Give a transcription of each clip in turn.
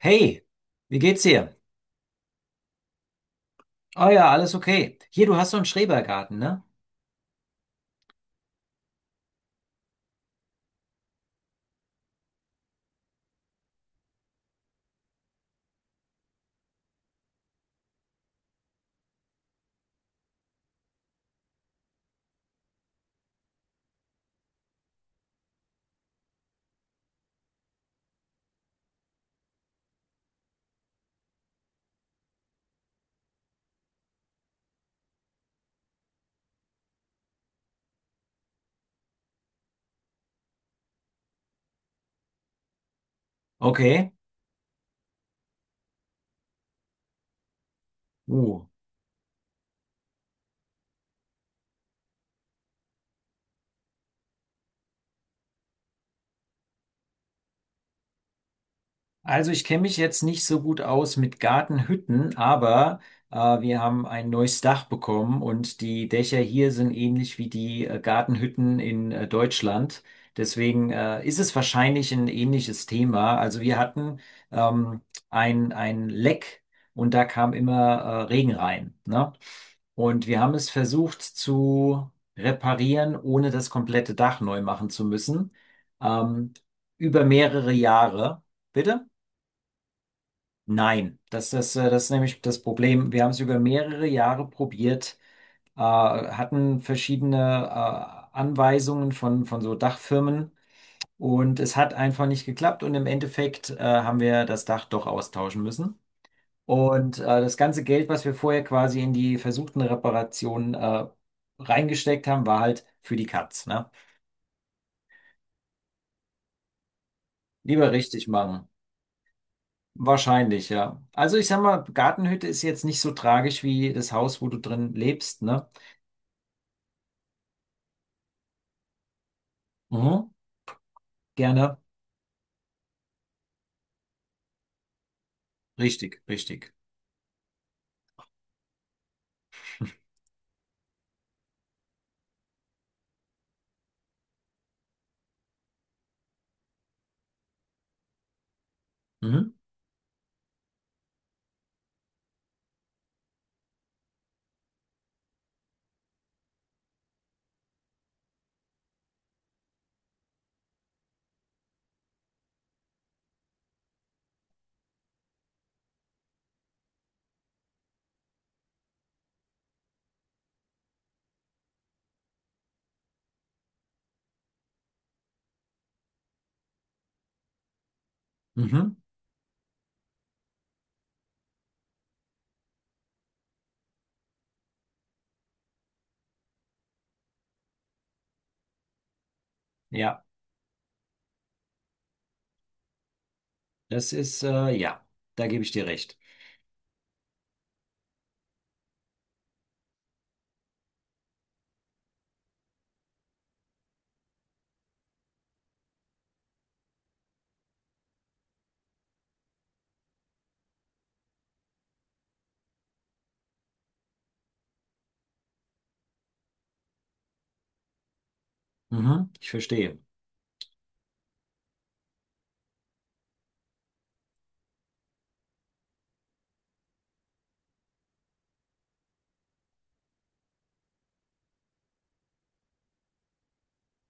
Hey, wie geht's dir? Oh ja, alles okay. Hier, du hast so einen Schrebergarten, ne? Okay. Uh, Also ich kenne mich jetzt nicht so gut aus mit Gartenhütten, aber wir haben ein neues Dach bekommen und die Dächer hier sind ähnlich wie die Gartenhütten in Deutschland. Deswegen ist es wahrscheinlich ein ähnliches Thema. Also wir hatten ähm, ein Leck und da kam immer Regen rein, ne? Und wir haben es versucht zu reparieren, ohne das komplette Dach neu machen zu müssen, ähm, über mehrere Jahre. Bitte? Nein, das ist nämlich das Problem. Wir haben es über mehrere Jahre probiert, hatten verschiedene Anweisungen von so Dachfirmen und es hat einfach nicht geklappt und im Endeffekt haben wir das Dach doch austauschen müssen. Und das ganze Geld, was wir vorher quasi in die versuchten Reparationen reingesteckt haben, war halt für die Katz, ne? Lieber richtig machen. Wahrscheinlich, ja. Also ich sag mal, Gartenhütte ist jetzt nicht so tragisch wie das Haus, wo du drin lebst, ne? Mhm. Gerne. Richtig, richtig. Mhm. Mhm. Ja, das ist, ja, da gebe ich dir recht. Mhm. Ich verstehe.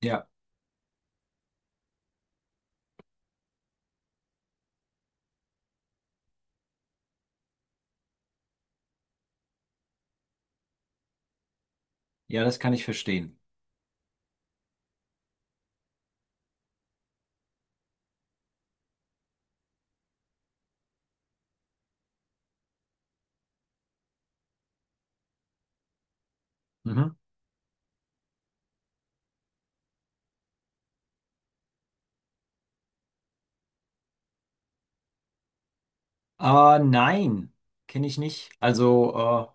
Ja, ja, das kann ich verstehen. Mhm. Nein, kenne ich nicht. Also,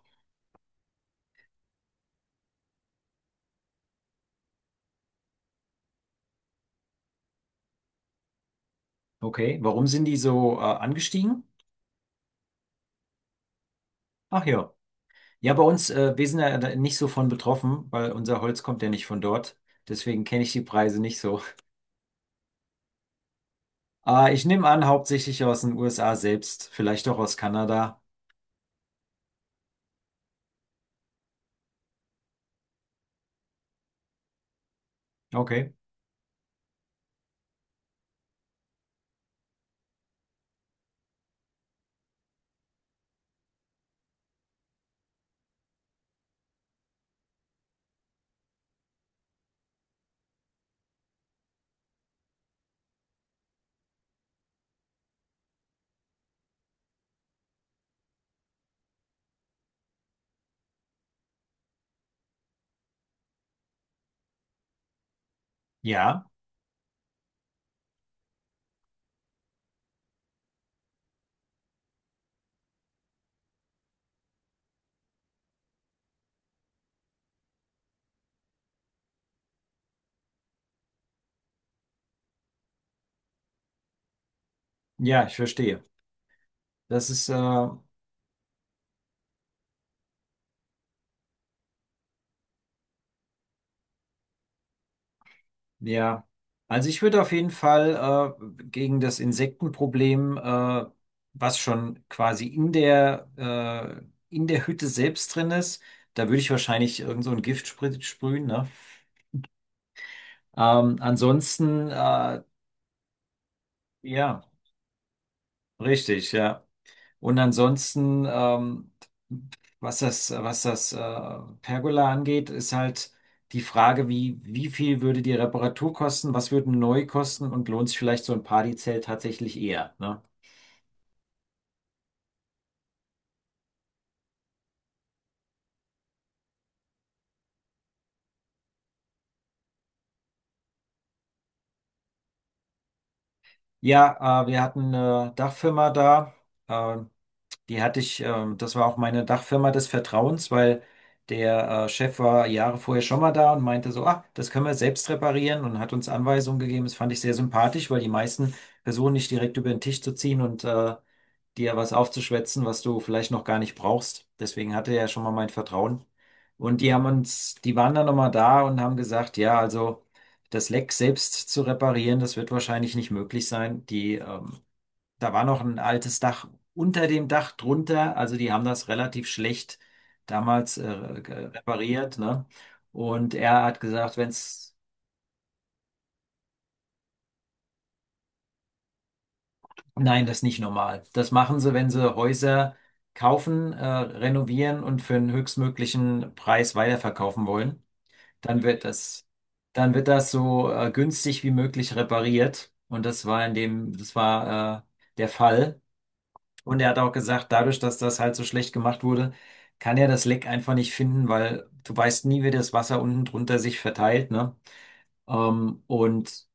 okay, warum sind die so, angestiegen? Ach ja. Ja, bei uns, wir sind ja da nicht so von betroffen, weil unser Holz kommt ja nicht von dort. Deswegen kenne ich die Preise nicht so. Ich nehme an, hauptsächlich aus den USA selbst, vielleicht auch aus Kanada. Okay. Ja. Ja, ich verstehe. Das ist, ja. Also ich würde auf jeden Fall gegen das Insektenproblem, was schon quasi in der Hütte selbst drin ist, da würde ich wahrscheinlich irgend so ein Giftsprit sprühen, ne? Ansonsten, ja, richtig, ja. Und ansonsten, was das Pergola angeht, ist halt die Frage, wie, wie viel würde die Reparatur kosten, was würde neu kosten und lohnt sich vielleicht so ein Partyzelt tatsächlich eher, ne? Ja, wir hatten eine Dachfirma da. Äh, Die hatte ich, das war auch meine Dachfirma des Vertrauens, weil der Chef war Jahre vorher schon mal da und meinte so, ah, das können wir selbst reparieren und hat uns Anweisungen gegeben. Das fand ich sehr sympathisch, weil die meisten versuchen nicht direkt über den Tisch zu ziehen und dir was aufzuschwätzen, was du vielleicht noch gar nicht brauchst. Deswegen hatte er schon mal mein Vertrauen. Und die haben uns, die waren dann nochmal da und haben gesagt, ja, also das Leck selbst zu reparieren, das wird wahrscheinlich nicht möglich sein. Die da war noch ein altes Dach unter dem Dach drunter. Also die haben das relativ schlecht damals repariert, ne? Und er hat gesagt, wenn's, nein, das ist nicht normal. Das machen sie, wenn sie Häuser kaufen, renovieren und für einen höchstmöglichen Preis weiterverkaufen wollen. Dann wird das, dann wird das so günstig wie möglich repariert. Und das war in dem, das war der Fall. Und er hat auch gesagt, dadurch, dass das halt so schlecht gemacht wurde, kann er das Leck einfach nicht finden, weil du weißt nie, wie das Wasser unten drunter sich verteilt, ne? Und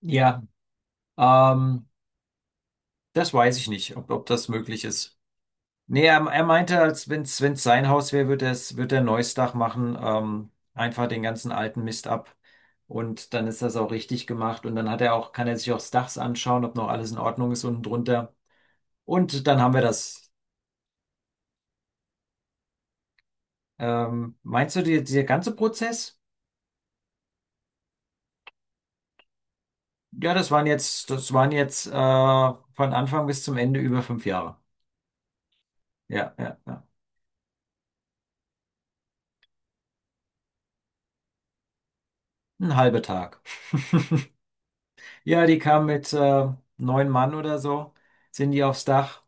ja, ähm, das weiß ich nicht, ob, ob das möglich ist. Nee, er meinte, als wenn es sein Haus wäre, würde er's, wird er ein neues Dach machen, einfach den ganzen alten Mist ab. Und dann ist das auch richtig gemacht. Und dann hat er auch, kann er sich auch das Dach anschauen, ob noch alles in Ordnung ist unten drunter. Und dann haben wir das. Meinst du, die, dieser ganze Prozess? Ja, das waren jetzt von Anfang bis zum Ende über 5 Jahre. Ja, ja, ja. Ein halber Tag. Ja, die kamen mit neun Mann oder so, sind die aufs Dach,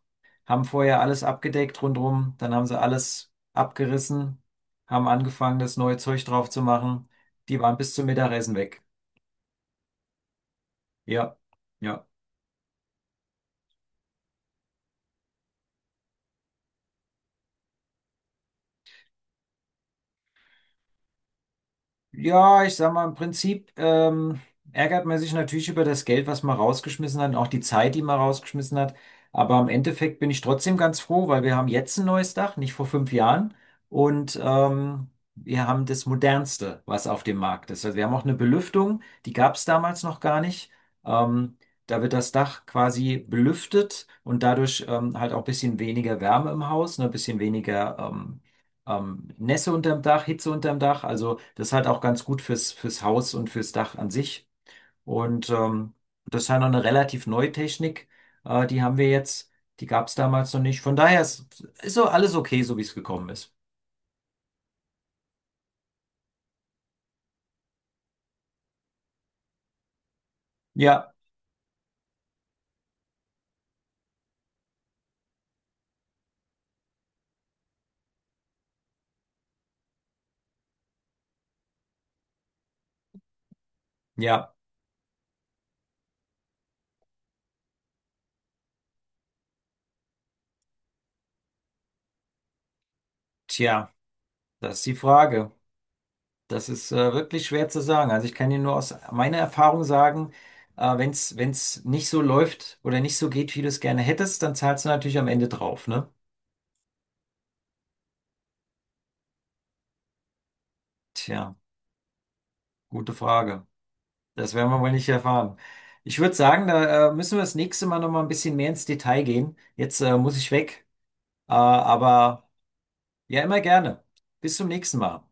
haben vorher alles abgedeckt rundrum, dann haben sie alles abgerissen, haben angefangen, das neue Zeug drauf zu machen. Die waren bis zum Mittagessen weg. Ja, ja. Ja, ich sag mal, im Prinzip ärgert man sich natürlich über das Geld, was man rausgeschmissen hat und auch die Zeit, die man rausgeschmissen hat. Aber im Endeffekt bin ich trotzdem ganz froh, weil wir haben jetzt ein neues Dach, nicht vor 5 Jahren. Und wir haben das modernste, was auf dem Markt ist. Also wir haben auch eine Belüftung, die gab es damals noch gar nicht. Ähm, da wird das Dach quasi belüftet und dadurch halt auch ein bisschen weniger Wärme im Haus, ne, ein bisschen weniger Nässe unterm Dach, Hitze unterm Dach. Also das ist halt auch ganz gut fürs, fürs Haus und fürs Dach an sich. Und das ist halt noch eine relativ neue Technik. Die haben wir jetzt. Die gab es damals noch nicht. Von daher ist, ist so alles okay, so wie es gekommen ist. Ja, ja, tja, das ist die Frage. Das ist wirklich schwer zu sagen. Also ich kann dir nur aus meiner Erfahrung sagen, wenn es wenn's nicht so läuft oder nicht so geht, wie du es gerne hättest, dann zahlst du natürlich am Ende drauf, ne? Tja, gute Frage. Das werden wir wohl nicht erfahren. Ich würde sagen, da müssen wir das nächste Mal noch mal ein bisschen mehr ins Detail gehen. Jetzt muss ich weg, aber ja, immer gerne. Bis zum nächsten Mal.